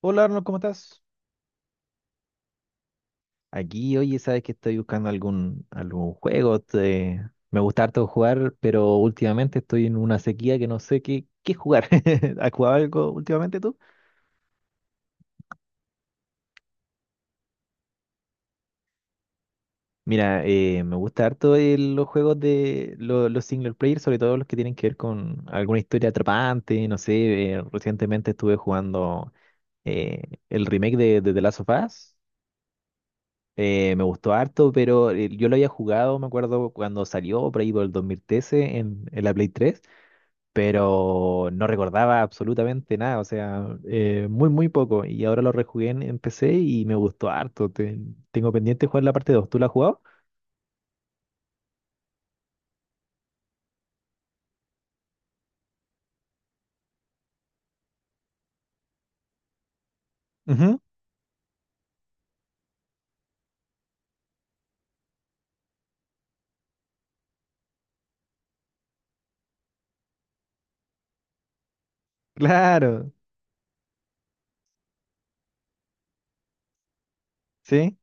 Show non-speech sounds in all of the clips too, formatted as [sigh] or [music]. Hola Arnold, ¿cómo estás? Aquí, oye, sabes que estoy buscando algún juego. Me gusta harto jugar, pero últimamente estoy en una sequía que no sé qué jugar. [laughs] ¿Has jugado algo últimamente tú? Mira, me gusta harto los juegos de los single player, sobre todo los que tienen que ver con alguna historia atrapante. No sé, recientemente estuve jugando eh, el remake de The Last of Us. Me gustó harto, pero yo lo había jugado, me acuerdo, cuando salió por ahí por el 2013 en la Play 3, pero no recordaba absolutamente nada, o sea, muy poco. Y ahora lo rejugué en PC y me gustó harto. Tengo pendiente jugar la parte 2. ¿Tú la has jugado? Ujú, claro, sí.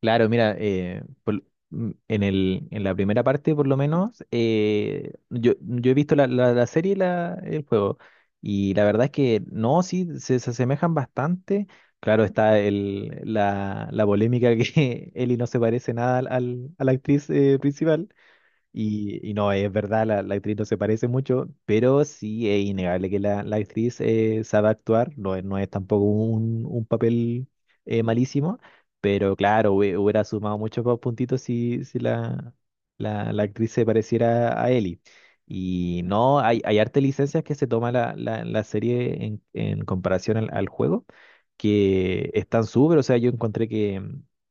Claro, mira, en en la primera parte, por lo menos, yo he visto la serie y la, el juego, y la verdad es que no, sí, se asemejan bastante. Claro, está la polémica que [laughs] Ellie no se parece nada a la actriz, principal. Y no, es verdad, la actriz no se parece mucho, pero sí es innegable que la actriz, sabe actuar, no, no es tampoco un, un papel malísimo, pero claro, hubiera sumado muchos más puntitos si la, la actriz se pareciera a Ellie. Y no, hay harta licencias que se toma la serie en comparación al juego, que están súper, o sea, yo encontré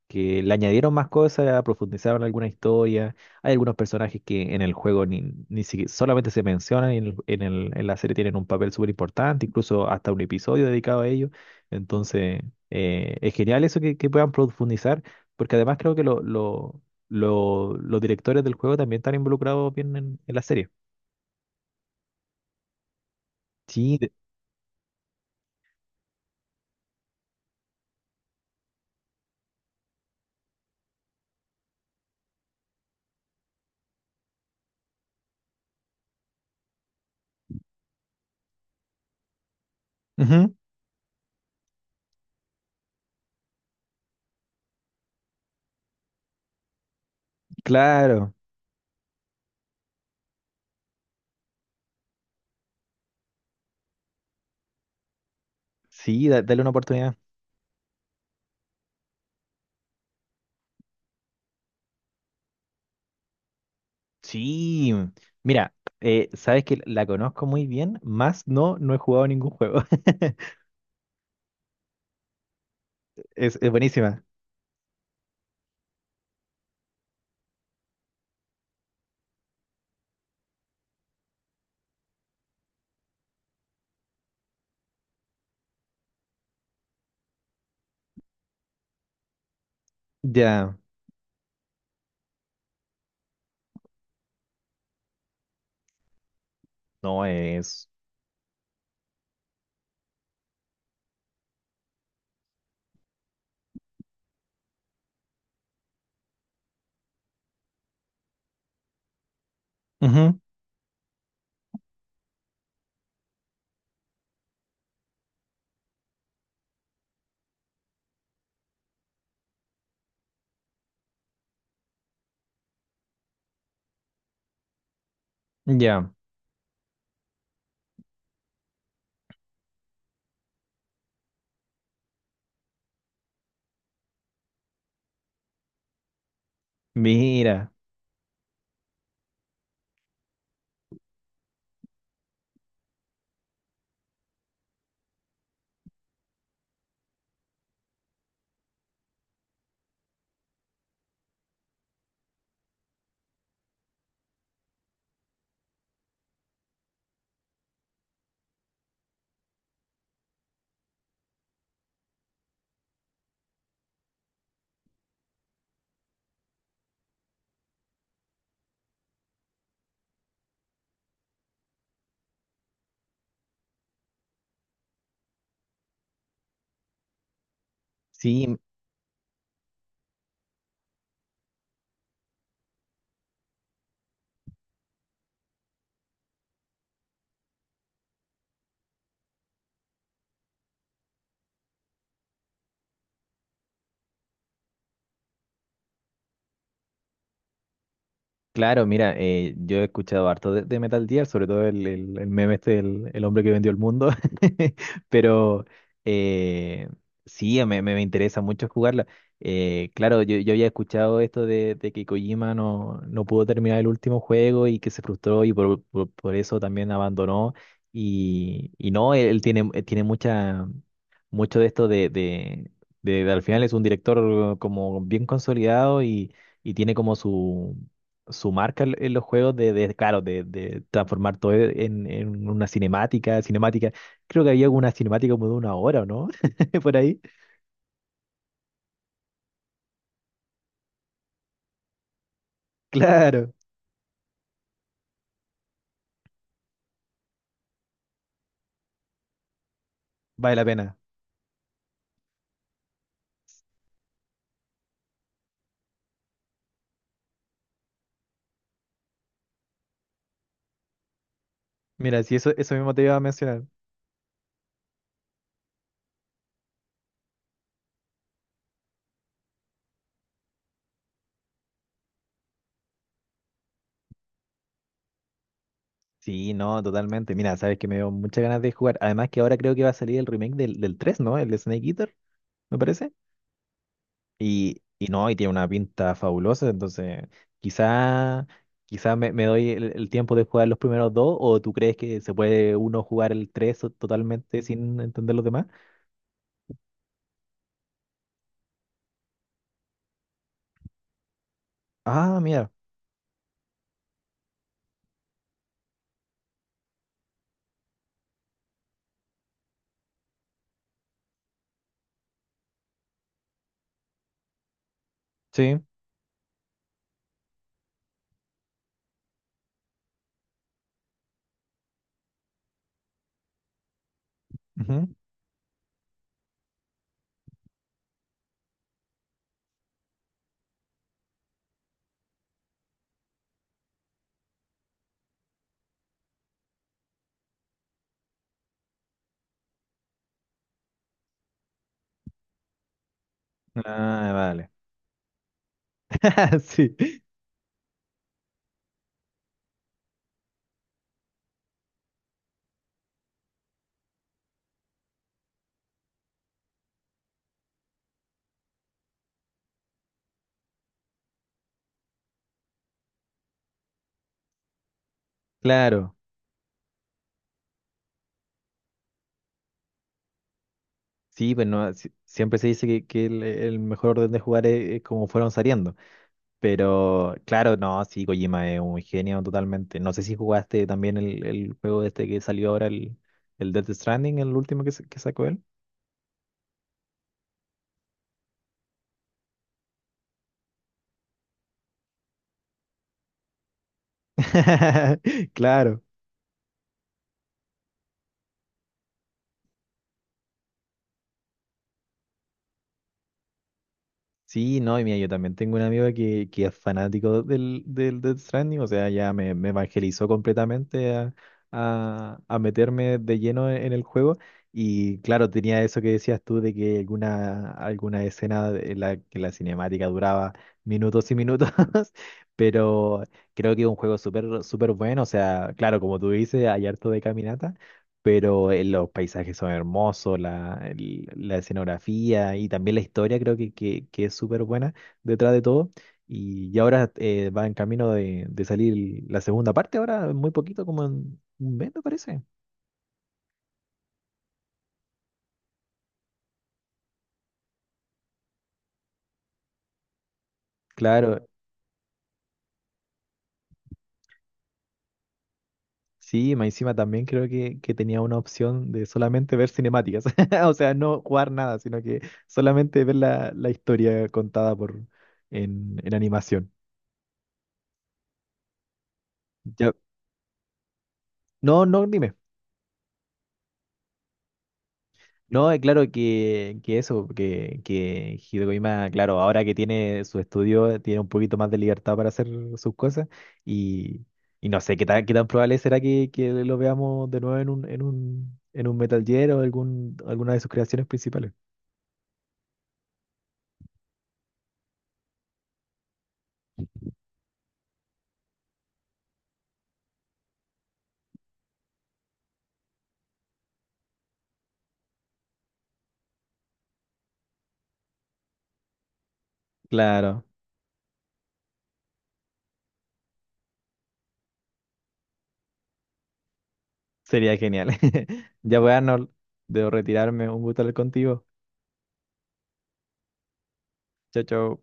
que le añadieron más cosas, profundizaron alguna historia. Hay algunos personajes que en el juego ni, ni siquiera solamente se mencionan y en en la serie tienen un papel súper importante, incluso hasta un episodio dedicado a ellos. Entonces, es genial eso que puedan profundizar, porque además creo que los directores del juego también están involucrados bien en la serie. Sí, de... Ujú, claro. Sí, dale una oportunidad. Sí, mira, sabes que la conozco muy bien, más no, no he jugado ningún juego. [laughs] Es buenísima. Ya. No es. Ujú, ya, mira, sí, claro, mira, yo he escuchado harto de Metal Gear, sobre todo el meme este, el hombre que vendió el mundo, [laughs] pero eh, sí, me interesa mucho jugarla. Claro, yo había escuchado esto de que Kojima no pudo terminar el último juego y que se frustró y por, por eso también abandonó. Y no, él, él tiene mucha, mucho de esto de al final es un director como bien consolidado y tiene como su marca en los juegos claro, de transformar todo en una cinemática. Creo que había una cinemática como de una hora, ¿o no? [laughs] Por ahí. Claro, vale la pena. Mira, si eso, eso mismo te iba a mencionar. Sí, no, totalmente. Mira, sabes que me dio muchas ganas de jugar. Además que ahora creo que va a salir el remake del, del tres, ¿no? El de Snake Eater, me parece. Y no, y tiene una pinta fabulosa, entonces quizá, quizá me doy el tiempo de jugar los primeros 2, o tú crees que se puede uno jugar el 3 totalmente sin entender los demás. Ah, mira, sí. Ujú. Ah, vale. [laughs] Sí, claro. Sí, pero no, siempre se dice que el mejor orden de jugar es como fueron saliendo. Pero claro, no, sí, Kojima es un genio totalmente. No sé si jugaste también el juego este que salió ahora, el Death Stranding, el último que, que sacó él. [laughs] Claro. Sí, no, y mira, yo también tengo un amigo que es fanático del, del Death Stranding, o sea, ya me evangelizó completamente a, a meterme de lleno en el juego. Y claro, tenía eso que decías tú de que alguna, alguna escena en la que la cinemática duraba minutos y minutos, [laughs] pero creo que es un juego súper súper bueno, o sea, claro, como tú dices, hay harto de caminata pero los paisajes son hermosos, la, la escenografía y también la historia creo que es súper buena detrás de todo. Y ahora, va en camino de salir la segunda parte, ahora muy poquito, como en un mes me parece. Claro, sí, más encima también creo que tenía una opción de solamente ver cinemáticas, [laughs] o sea, no jugar nada, sino que solamente ver la, la historia contada por en animación. Ya, no, no, dime. No, claro que eso, que Hideo Kojima, claro, ahora que tiene su estudio, tiene un poquito más de libertad para hacer sus cosas y, y no sé qué tan probable será que lo veamos de nuevo en un, en un, en un Metal Gear o algún, alguna de sus creaciones principales. Claro, sería genial. [laughs] Ya voy, Arnold, debo retirarme, un gusto hablar contigo. Chao, chao.